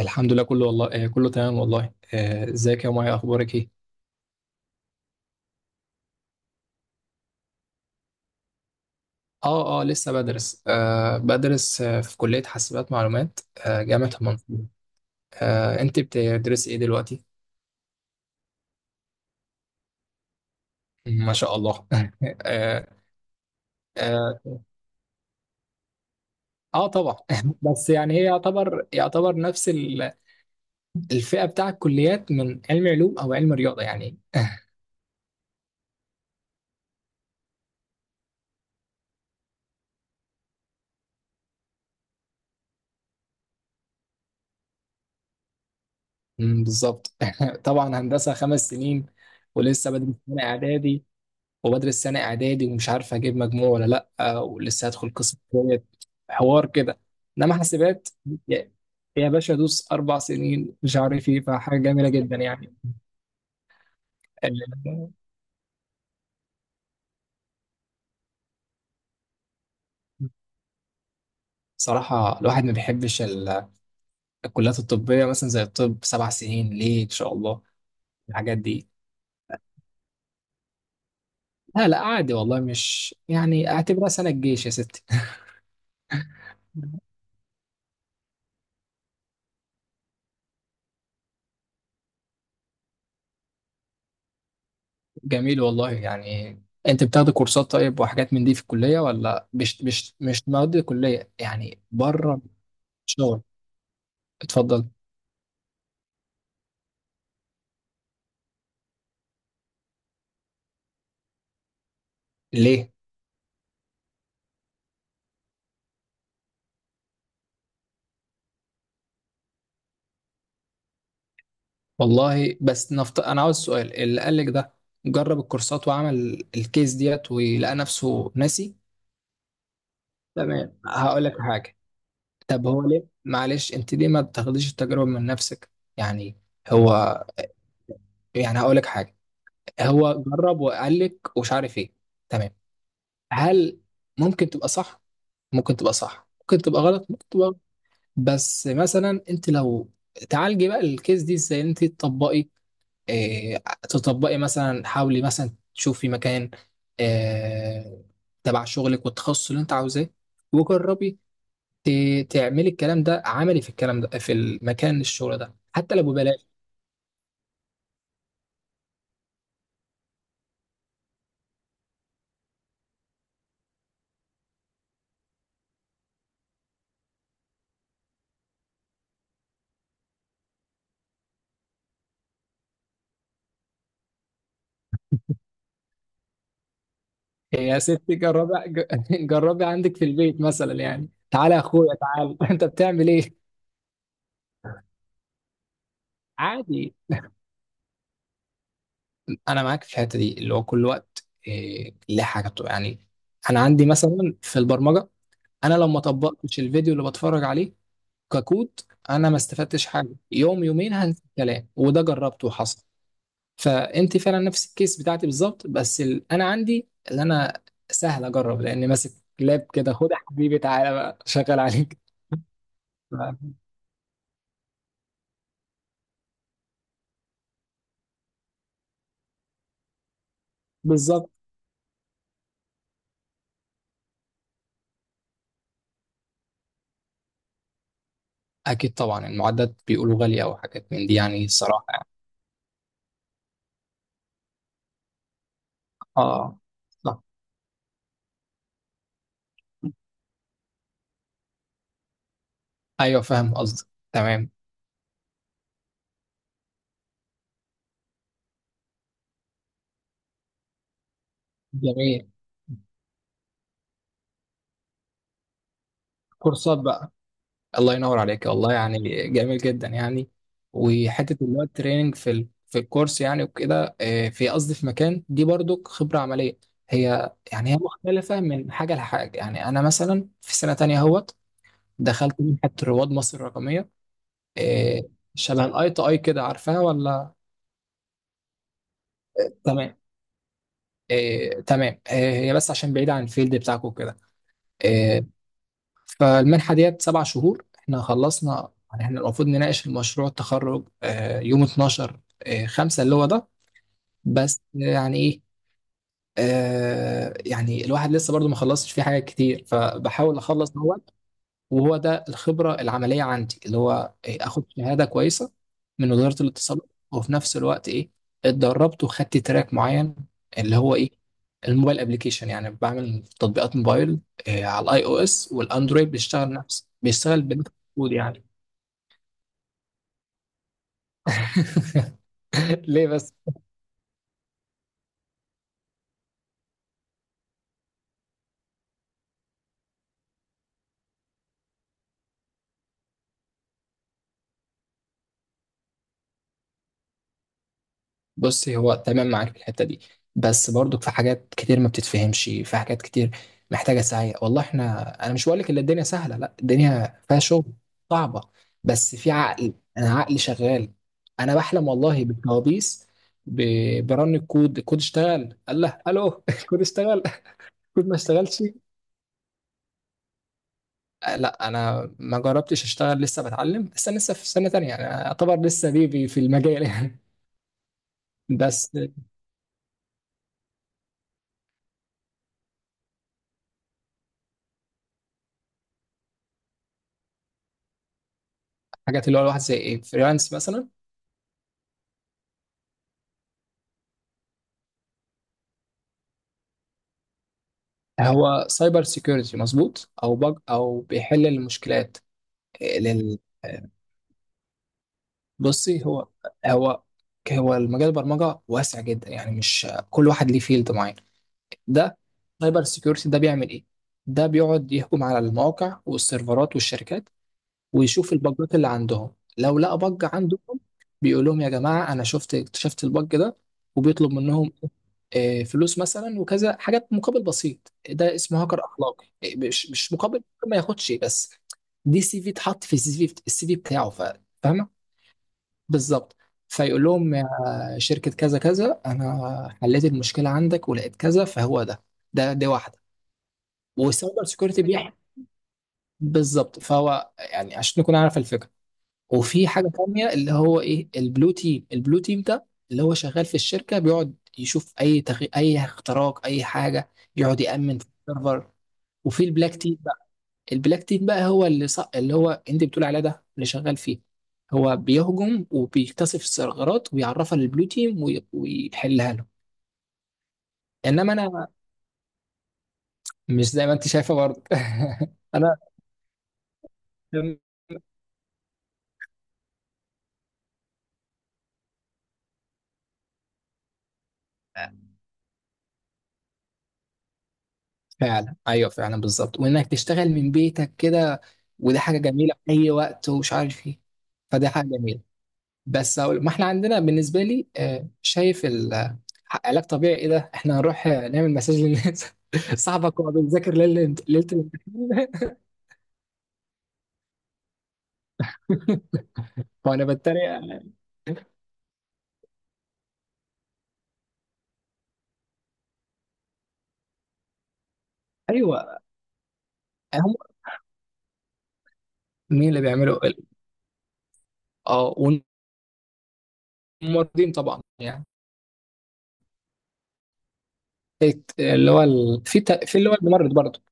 الحمد لله كله والله آه كله تمام والله ازيك يا مايا اخبارك ايه. اه لسه بدرس بدرس في كلية حاسبات معلومات. جامعة المنصورة. انت بتدرسي ايه دلوقتي؟ ما شاء الله. آه, آه, اه طبعا. بس يعني هي يعتبر نفس الفئة بتاع الكليات من علوم او علم رياضة يعني. بالظبط. طبعا هندسة 5 سنين ولسه بدرس سنة اعدادي. وبدرس سنة إعدادي ومش عارف أجيب مجموع ولا لأ، ولسه هدخل قسم جديد، حوار كده. إنما حاسبات، يا يا باشا دوس 4 سنين مش عارف إيه، فحاجة جميلة جدا يعني. ال- صراحة الواحد ما بيحبش الكليات الطبية مثلا زي الطب 7 سنين ليه إن شاء الله الحاجات دي. لا لا عادي والله، مش يعني اعتبرها سنة الجيش يا ستي. جميل والله يعني. انت بتاخد كورسات طيب وحاجات من دي في الكلية ولا مش مواد الكلية يعني، بره شغل؟ اتفضل. ليه؟ والله بس انا عاوز سؤال اللي قال لك ده، جرب الكورسات وعمل الكيس ديت ولقى نفسه ناسي؟ تمام هقول لك حاجة. طب هو ليه، معلش، انت ليه ما بتاخديش التجربة من نفسك يعني؟ هو يعني هقول لك حاجة. هو جرب وقال لك ومش عارف ايه، تمام. هل ممكن تبقى صح؟ ممكن تبقى غلط، ممكن تبقى غلط. بس مثلا انت لو تعالجي بقى الكيس دي ازاي انت تطبقي، اه، تطبقي مثلا، حاولي مثلا تشوفي مكان، اه، تبع شغلك والتخصص اللي انت عاوزاه، وجربي، تعملي الكلام ده عملي، في الكلام ده في المكان الشغل ده حتى لو ببلاش. يا ستي جربي. جربي عندك في البيت مثلا يعني، تعالى يا اخويا تعالى، انت بتعمل ايه؟ عادي، انا معاك في الحته دي، اللي هو كل وقت إيه ليه حاجه بتبقى يعني. انا عندي مثلا في البرمجه، انا لو ما طبقتش الفيديو اللي بتفرج عليه ككود انا ما استفدتش حاجه. يوم يومين هنسى الكلام، وده جربته وحصل. فانت فعلا نفس الكيس بتاعتي بالظبط، بس انا عندي، اللي انا سهل اجرب لان ماسك لاب كده، خد يا حبيبي تعالى بقى شغال عليك. ف- بالظبط. اكيد طبعا المعدات بيقولوا غاليه او حاجات من دي يعني، الصراحه يعني. اه صح. ايوه فاهم قصدك تمام. جميل، كورسات بقى. الله ينور عليك والله يعني، جميل جدا يعني. وحته اللي هو التريننج في في الكورس يعني وكده، في قصدي في مكان دي برضو خبره عمليه. هي يعني هي مختلفه من حاجه لحاجه يعني. انا مثلا في سنه تانية اهوت دخلت منحه رواد مصر الرقميه. آه، شبه الاي تو اي كده، عارفاها ولا؟ تمام. تمام، هي بس عشان بعيده عن الفيلد بتاعكم كده. فالمنحة ديت 7 شهور، احنا خلصنا يعني، احنا المفروض نناقش المشروع التخرج يوم 12 خمسة، اللي هو ده. بس يعني ايه، يعني الواحد لسه برضو ما خلصش فيه حاجات كتير، فبحاول اخلص هو. وهو ده الخبرة العملية عندي، اللي هو اخد شهادة كويسة من وزارة الاتصالات، وفي نفس الوقت ايه، اتدربت وخدت تراك معين اللي هو ايه، الموبايل ابلكيشن، يعني بعمل تطبيقات موبايل على الاي او اس والاندرويد، بيشتغل بنفس الكود يعني. ليه بس؟ بصي هو تمام معاك في الحته دي، بس برضك في حاجات كتير ما بتتفهمش، في حاجات كتير محتاجه سعي والله. احنا، انا مش بقول لك ان الدنيا سهله، لا الدنيا فيها شغل صعبه، بس في عقل، انا عقلي شغال. انا بحلم والله بالكوابيس، برن الكود، الكود اشتغل قال له الو. الكود اشتغل، الكود ما اشتغلش. لا انا ما جربتش اشتغل، لسه بتعلم، بس انا لسه في سنه تانية، انا اعتبر لسه بيبي في المجال يعني. بس حاجات اللي هو الواحد زي ايه، فريلانس مثلا؟ هو سايبر سيكيورتي مظبوط، او بج او بيحل المشكلات؟ آه، لل بصي هو هو المجال البرمجه واسع جدا يعني، مش كل واحد ليه فيلد معين. ده سايبر سيكيورتي ده بيعمل ايه؟ ده بيقعد يهجم على المواقع والسيرفرات والشركات ويشوف البجات اللي عندهم، لو لقى بج عندهم بيقول لهم يا جماعة أنا شفت، اكتشفت البج ده، وبيطلب منهم فلوس مثلا وكذا حاجات مقابل بسيط. ده اسمه هاكر أخلاقي، آه، مش مش مقابل ما ياخدش بس، دي سي في اتحط في السي في، السي في بتاعه، فاهمة؟ بالظبط. فيقول لهم يا شركة كذا كذا أنا حليت المشكلة عندك ولقيت كذا، فهو ده، دي واحدة. والسايبر سيكيورتي بيحكي بالظبط، فهو يعني، عشان نكون عارف الفكرة. وفي حاجه تانية اللي هو ايه، البلو تيم. البلو تيم ده اللي هو شغال في الشركه، بيقعد يشوف اي اي اختراق اي حاجه، يقعد يامن في السيرفر. وفي البلاك تيم بقى، البلاك تيم بقى هو اللي اللي هو انت بتقول عليه، ده اللي شغال فيه، هو بيهجم وبيكتشف الثغرات ويعرفها للبلو تيم ويحلها له. انما انا مش زي ما انت شايفه برضه. انا فعلا، ايوه فعلا بالظبط، وانك تشتغل من بيتك كده وده حاجه جميله في اي وقت ومش عارف ايه، فده حاجه جميله. بس أقول، ما احنا عندنا بالنسبه لي آه، شايف ال- آه، علاج طبيعي ايه ده، احنا هنروح نعمل مساج للناس؟ صاحبك هو بيذاكر ليله ليله الامتحان. وانا بتريق. ايوه. هم، مين اللي بيعملوا؟ اه، والممرضين طبعا يعني، الت- اللي هو ال... في ت... في اللي هو الممرض برضه،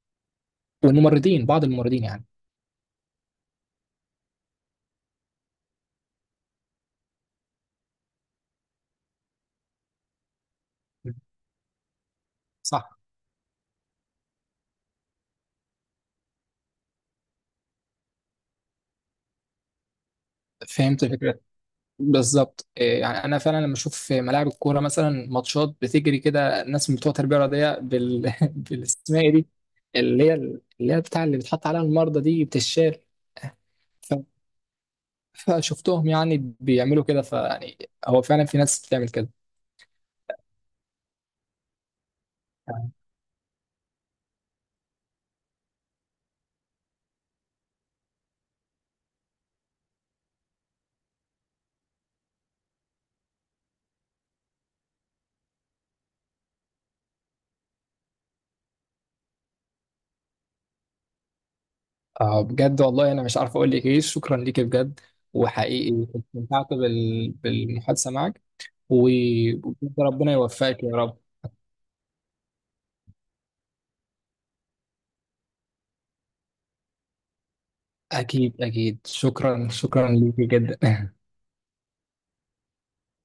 بعض الممرضين يعني. صح. فهمت الفكره، بالظبط. يعني انا فعلا لما اشوف في ملاعب الكوره مثلا، ماتشات بتجري كده، الناس من بتوع التربيه الرياضيه بالاسماء دي، اللي هي اللي هي بتاع اللي بتحط عليها المرضى دي بتشال، ف... فشفتهم يعني بيعملوا كده، فيعني هو فعلا في ناس بتعمل كده. آه بجد والله، انا مش عارف اقول لك ايه، شكرا ليك بجد، وحقيقي استمتعت بالمحادثه معك، وبجد ربنا يوفقك يا رب. اكيد اكيد، شكرا ليك جدا.